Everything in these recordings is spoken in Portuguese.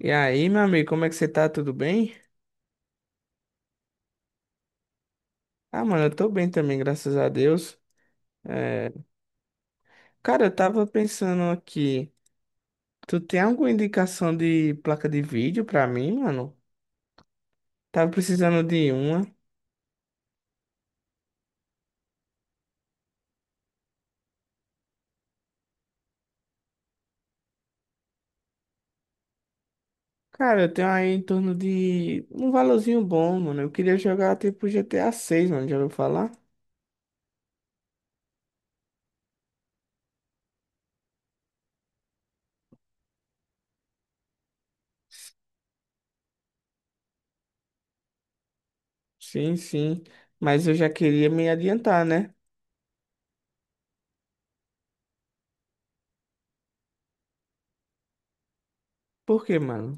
E aí, meu amigo, como é que você tá? Tudo bem? Ah, mano, eu tô bem também, graças a Deus. É. Cara, eu tava pensando aqui, tu tem alguma indicação de placa de vídeo pra mim, mano? Tava precisando de uma. Cara, eu tenho aí em torno de um valorzinho bom, mano. Eu queria jogar tipo GTA 6, mano, já ouviu falar? Sim, sim. Mas eu já queria me adiantar, né? Por quê, mano?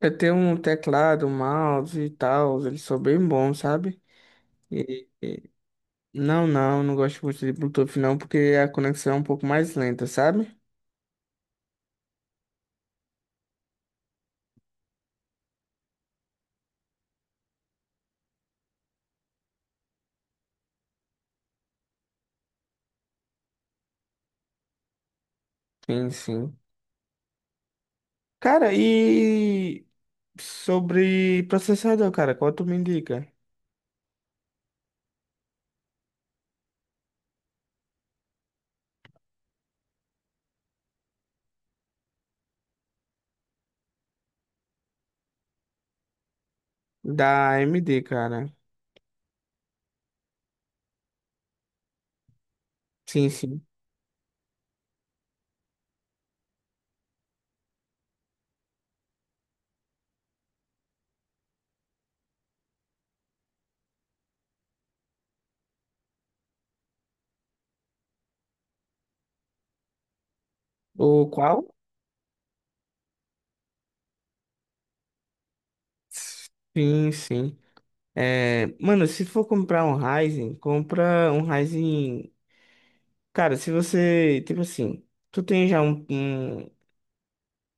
Eu tenho um teclado, um mouse e tal, eles são bem bons, sabe? Não, não, não gosto muito de Bluetooth não, porque a conexão é um pouco mais lenta, sabe? Sim, sim. Cara, e sobre processador, cara, qual tu me indica? Da AMD, cara. Sim, sim. O qual? Sim, sim. É, mano, se for comprar um Ryzen, compra um Ryzen. Cara, se você, tipo assim, tu tem já um, um,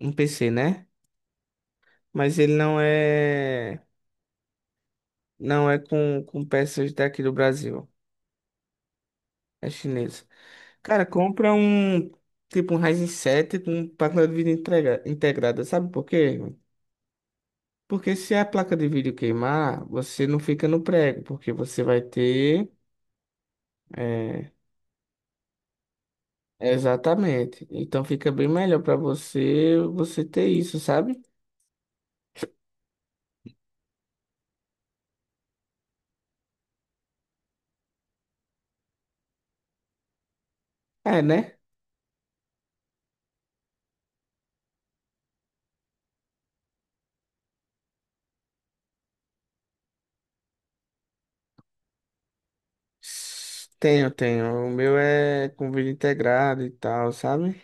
um PC, né? Mas ele não é com peças daqui do Brasil. É chinesa. Cara, compra um. Tipo um Ryzen 7 com placa de vídeo integrada. Sabe por quê? Porque se a placa de vídeo queimar, você não fica no prego, porque você vai ter. É, exatamente. Então fica bem melhor pra você ter isso, sabe? É, né? Tenho, tenho. O meu é com vídeo integrado e tal, sabe?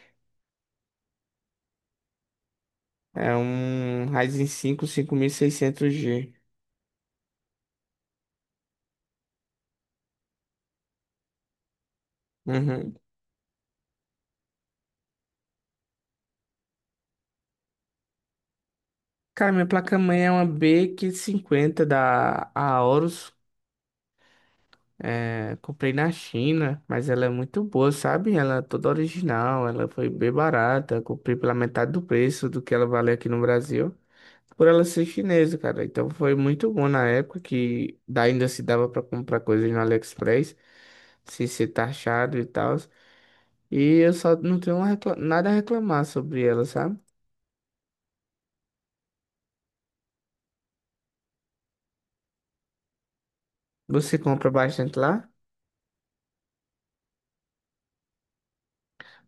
É um Ryzen 5 600G. Uhum. Cara, minha placa-mãe é uma B550 da Aorus. É, comprei na China, mas ela é muito boa, sabe? Ela é toda original, ela foi bem barata. Comprei pela metade do preço do que ela vale aqui no Brasil. Por ela ser chinesa, cara. Então foi muito bom na época que ainda se dava pra comprar coisas no AliExpress, sem ser taxado e tal. E eu só não tenho nada a reclamar sobre ela, sabe? Você compra bastante lá?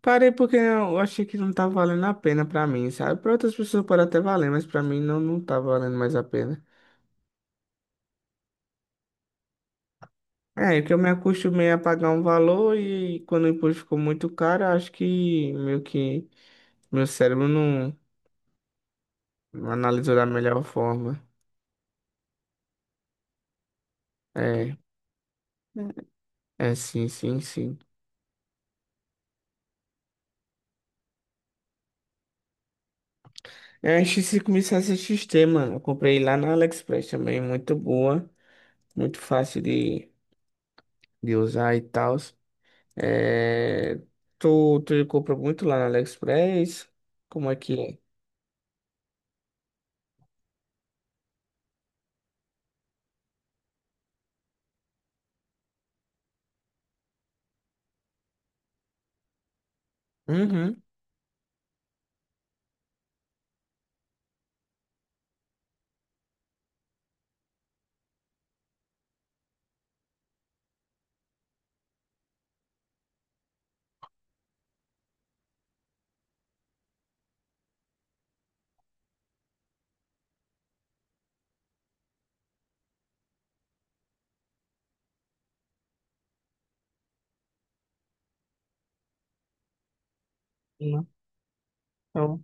Parei porque eu achei que não tava valendo a pena pra mim, sabe? Pra outras pessoas pode até valer, mas pra mim não, não tá valendo mais a pena. é, que eu me acostumei a pagar um valor e quando o imposto ficou muito caro, eu acho que meio que meu cérebro não analisou da melhor forma. É, né? É, sim, sim, sim. É a X5.7XT, mano. Eu comprei lá na AliExpress também, muito boa, muito fácil de usar e tal. É, tu compra muito lá na AliExpress? Como é que é? Uhum. Não. Eu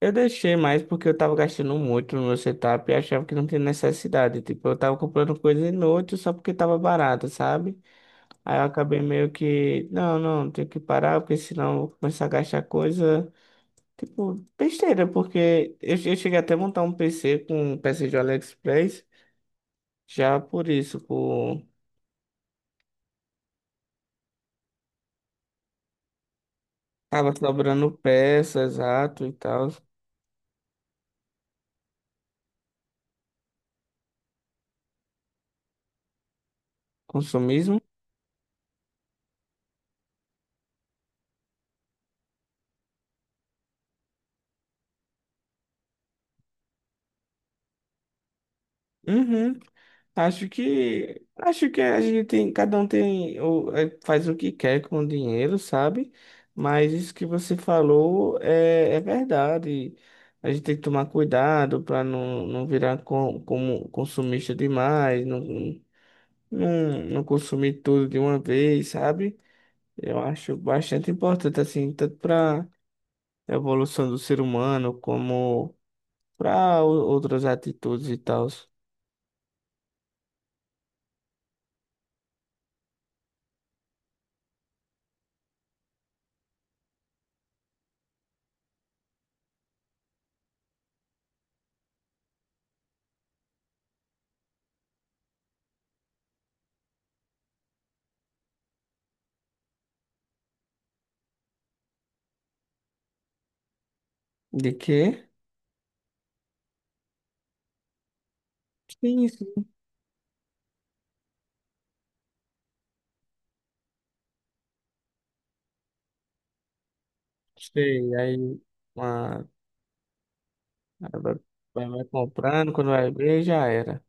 eu deixei mais porque eu tava gastando muito no meu setup e achava que não tinha necessidade. Tipo, eu tava comprando coisa inútil só porque tava barata, sabe? Aí eu acabei meio que, não, não, tenho que parar porque senão eu vou começar a gastar coisa, tipo, besteira. Porque eu cheguei até a montar um PC com peças de AliExpress já por isso, por. Tava sobrando peças, exato e tal. Consumismo? Uhum. Acho que a gente tem, cada um tem faz o que quer com o dinheiro, sabe? Mas isso que você falou é verdade. A gente tem que tomar cuidado para não virar como consumista demais, não, não, não consumir tudo de uma vez, sabe? Eu acho bastante importante, assim, tanto para a evolução do ser humano como para outras atitudes e tal. De quê? Sim, sim. Sei. Aí uma, vai, vai comprando, quando vai ver, já era.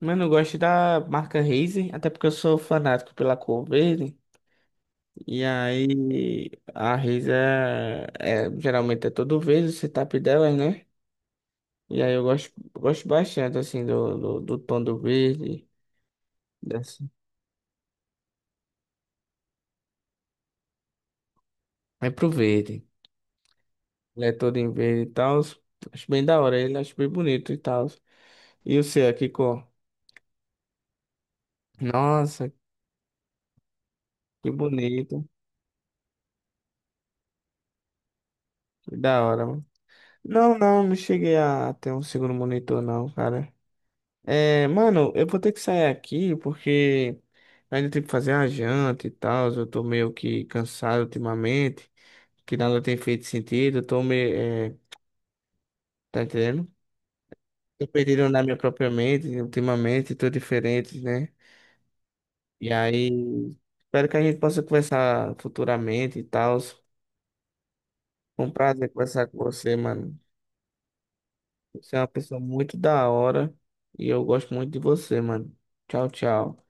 Mas não gosto da marca Razer, até porque eu sou fanático pela cor verde. E aí a Razer geralmente é todo verde o setup dela, né? E aí eu gosto bastante assim do tom do verde. Dessa. É pro verde. Ele é todo em verde e tal. Acho bem da hora ele, acho bem bonito e tal. E o seu, aqui, cor? Nossa, que bonito. Da hora, mano. Não, não, não cheguei a ter um segundo monitor, não, cara. É, mano, eu vou ter que sair aqui porque ainda tem que fazer a janta e tal. Eu tô meio que cansado ultimamente, que nada tem feito sentido. Eu tô meio, é, tá entendendo? Tô perdido na minha própria mente, ultimamente, tô diferente, né? E aí, espero que a gente possa conversar futuramente e tal. Foi um prazer conversar com você, mano. Você é uma pessoa muito da hora e eu gosto muito de você, mano. Tchau, tchau.